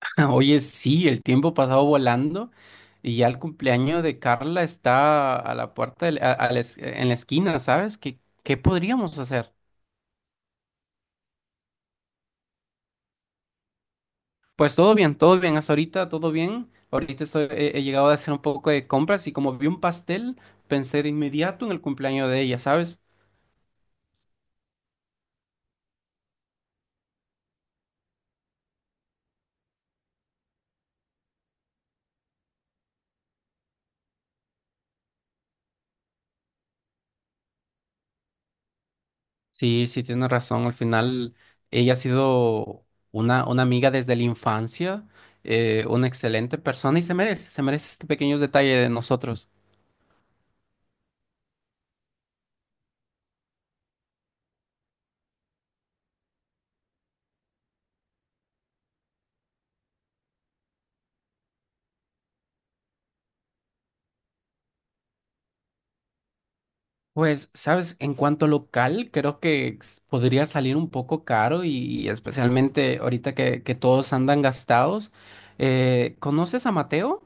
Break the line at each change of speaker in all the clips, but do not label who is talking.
Oye, sí, el tiempo pasado volando y ya el cumpleaños de Carla está a la puerta, en la esquina, ¿sabes? ¿Qué podríamos hacer? Pues todo bien, hasta ahorita todo bien. Ahorita he llegado a hacer un poco de compras y como vi un pastel, pensé de inmediato en el cumpleaños de ella, ¿sabes? Sí, sí, tienes razón. Al final, ella ha sido una amiga desde la infancia, una excelente persona y se merece este pequeño detalle de nosotros. Pues, sabes, en cuanto local, creo que podría salir un poco caro y especialmente ahorita que todos andan gastados. ¿Conoces a Mateo?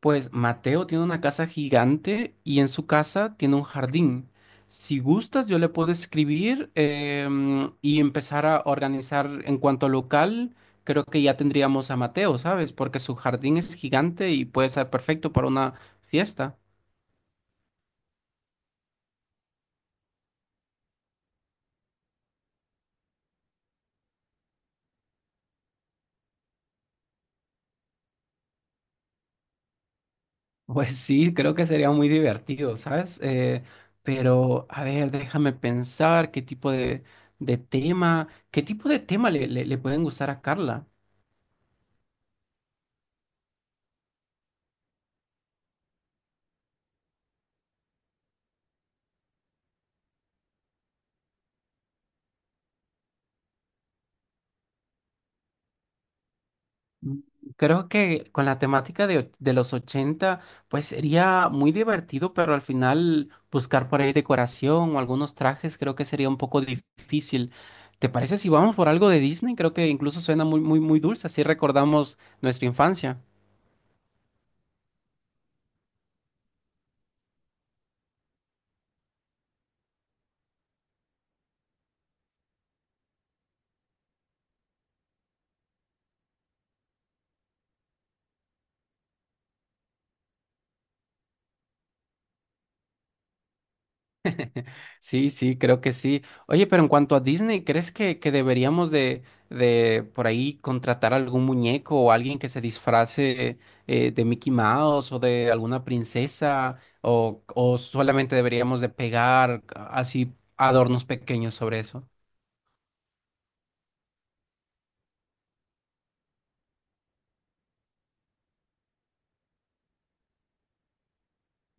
Pues Mateo tiene una casa gigante y en su casa tiene un jardín. Si gustas, yo le puedo escribir y empezar a organizar en cuanto local. Creo que ya tendríamos a Mateo, ¿sabes? Porque su jardín es gigante y puede ser perfecto para una fiesta. Pues sí, creo que sería muy divertido, ¿sabes? Pero, a ver, déjame pensar qué tipo de tema, qué tipo de tema le pueden gustar a Carla. Mm, Creo que con la temática de los 80, pues sería muy divertido, pero al final buscar por ahí decoración o algunos trajes creo que sería un poco difícil. ¿Te parece si vamos por algo de Disney? Creo que incluso suena muy, muy, muy dulce, así recordamos nuestra infancia. Sí, sí, creo que sí. Oye, pero en cuanto a Disney, ¿crees que deberíamos de por ahí contratar algún muñeco o alguien que se disfrace de Mickey Mouse o de alguna princesa? ¿O solamente deberíamos de pegar así adornos pequeños sobre eso?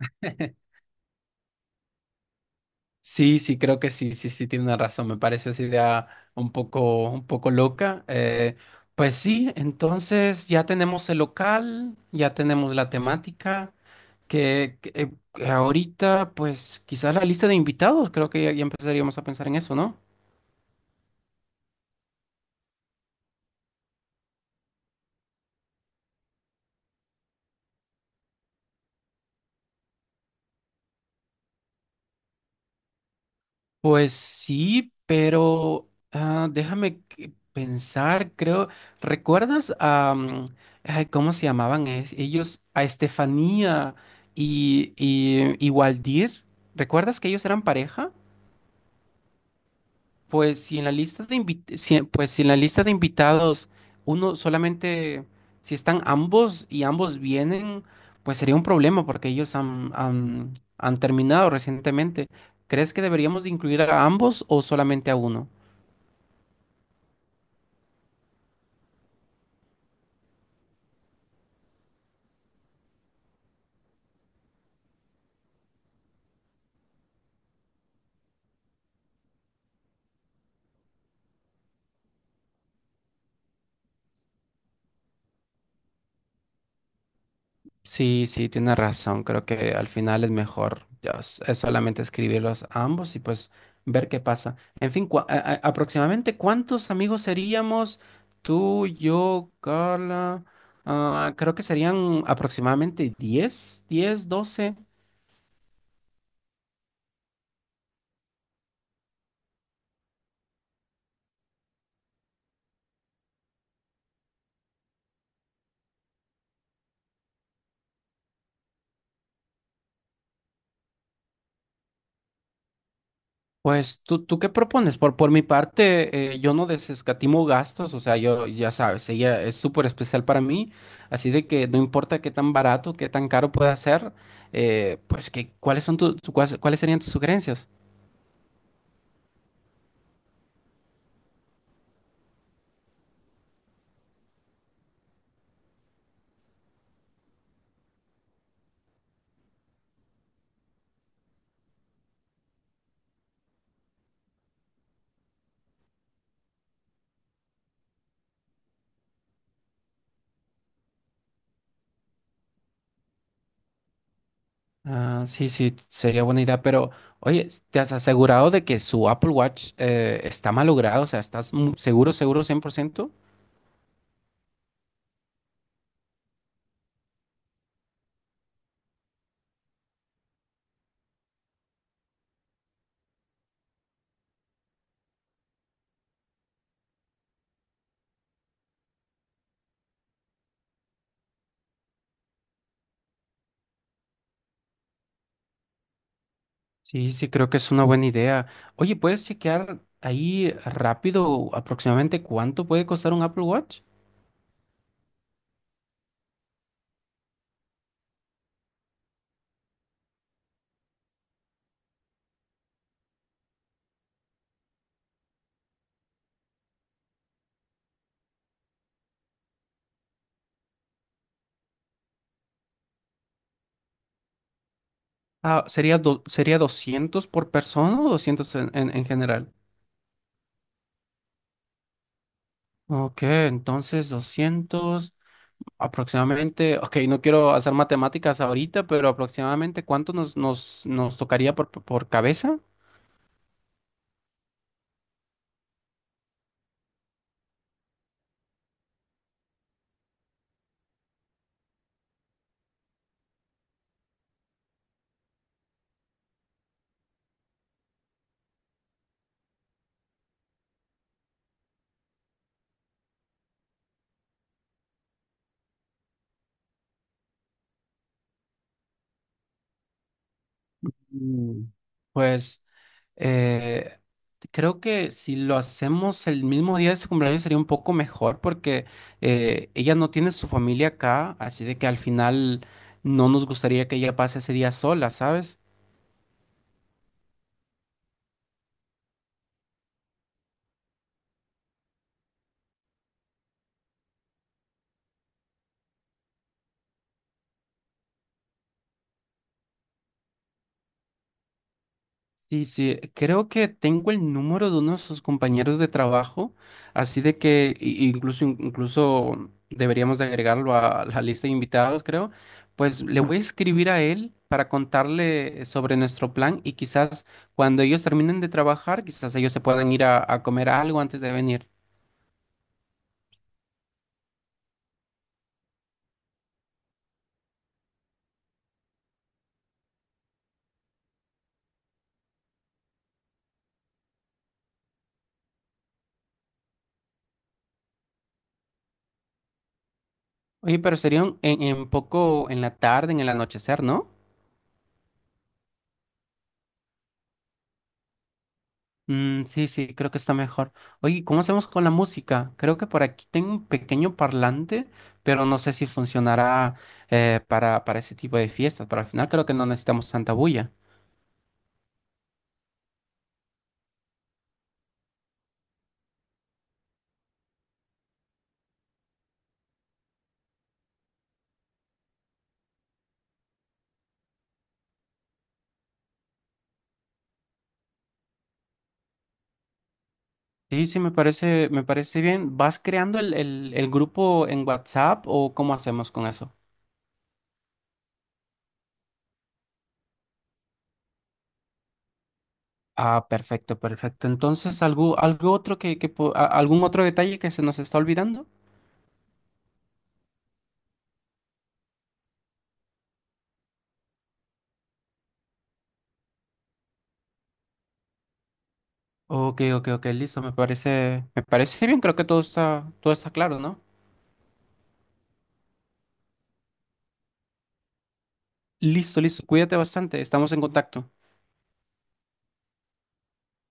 Sí, sí, creo que sí, sí, sí, tiene una razón. Me parece esa idea un poco loca. Pues sí, entonces ya tenemos el local, ya tenemos la temática. Que ahorita, pues quizás la lista de invitados, creo que ya empezaríamos a pensar en eso, ¿no? Pues sí, pero ah, déjame pensar, creo, ¿recuerdas a, ay, ¿cómo se llamaban ellos? A Estefanía y Waldir, ¿recuerdas que ellos eran pareja? Pues si en la lista de invit- si- pues si en la lista de invitados uno solamente, si están ambos y ambos vienen, pues sería un problema porque ellos han terminado recientemente. ¿Crees que deberíamos de incluir a ambos o solamente a uno? Sí, sí, tienes razón. Creo que al final es mejor es solamente escribirlos a ambos y pues ver qué pasa. En fin, aproximadamente cuántos amigos seríamos tú, yo, Carla. Ah, creo que serían aproximadamente 10, 10, 12. Pues, ¿tú qué propones? Por mi parte, yo no desescatimo gastos, o sea, yo ya sabes, ella es súper especial para mí, así de que no importa qué tan barato, qué tan caro pueda ser, pues que, ¿cuáles son cuáles serían tus sugerencias? Ah, sí, sí, sería buena idea, pero oye, ¿te has asegurado de que su Apple Watch está malogrado? O sea, ¿estás seguro, seguro, 100%? Sí, sí, creo que es una buena idea. Oye, ¿puedes chequear ahí rápido aproximadamente cuánto puede costar un Apple Watch? Ah, ¿sería, sería 200 por persona o 200 en general? Ok, entonces 200 aproximadamente. Ok, no quiero hacer matemáticas ahorita, pero aproximadamente cuánto nos tocaría por cabeza? Mm. Pues. Eh, creo que si lo hacemos el mismo día de su cumpleaños sería un poco mejor porque ella no tiene su familia acá, así de que al final no nos gustaría que ella pase ese día sola, ¿sabes? Sí, sí, creo que tengo el número de uno de sus compañeros de trabajo, así de que incluso, incluso deberíamos de agregarlo a la lista de invitados, creo. Pues le voy a escribir a él para contarle sobre nuestro plan y quizás cuando ellos terminen de trabajar, quizás ellos se puedan ir a comer algo antes de venir. Oye, pero sería en poco en la tarde, en el anochecer, ¿no? Mm, sí, sí, creo que está mejor. Oye, ¿cómo hacemos con la música? Creo que por aquí tengo un pequeño parlante, pero no sé si funcionará para ese tipo de fiestas. Pero al final creo que no necesitamos tanta bulla. Sí, sí, me parece bien. ¿Vas creando el grupo en WhatsApp o cómo hacemos con eso? Ah, perfecto, perfecto. Entonces, ¿algo otro algún otro detalle que se nos está olvidando? Ok, ok, ok, listo, me parece bien, creo que todo está claro, ¿no? Listo, listo. Cuídate bastante. Estamos en contacto.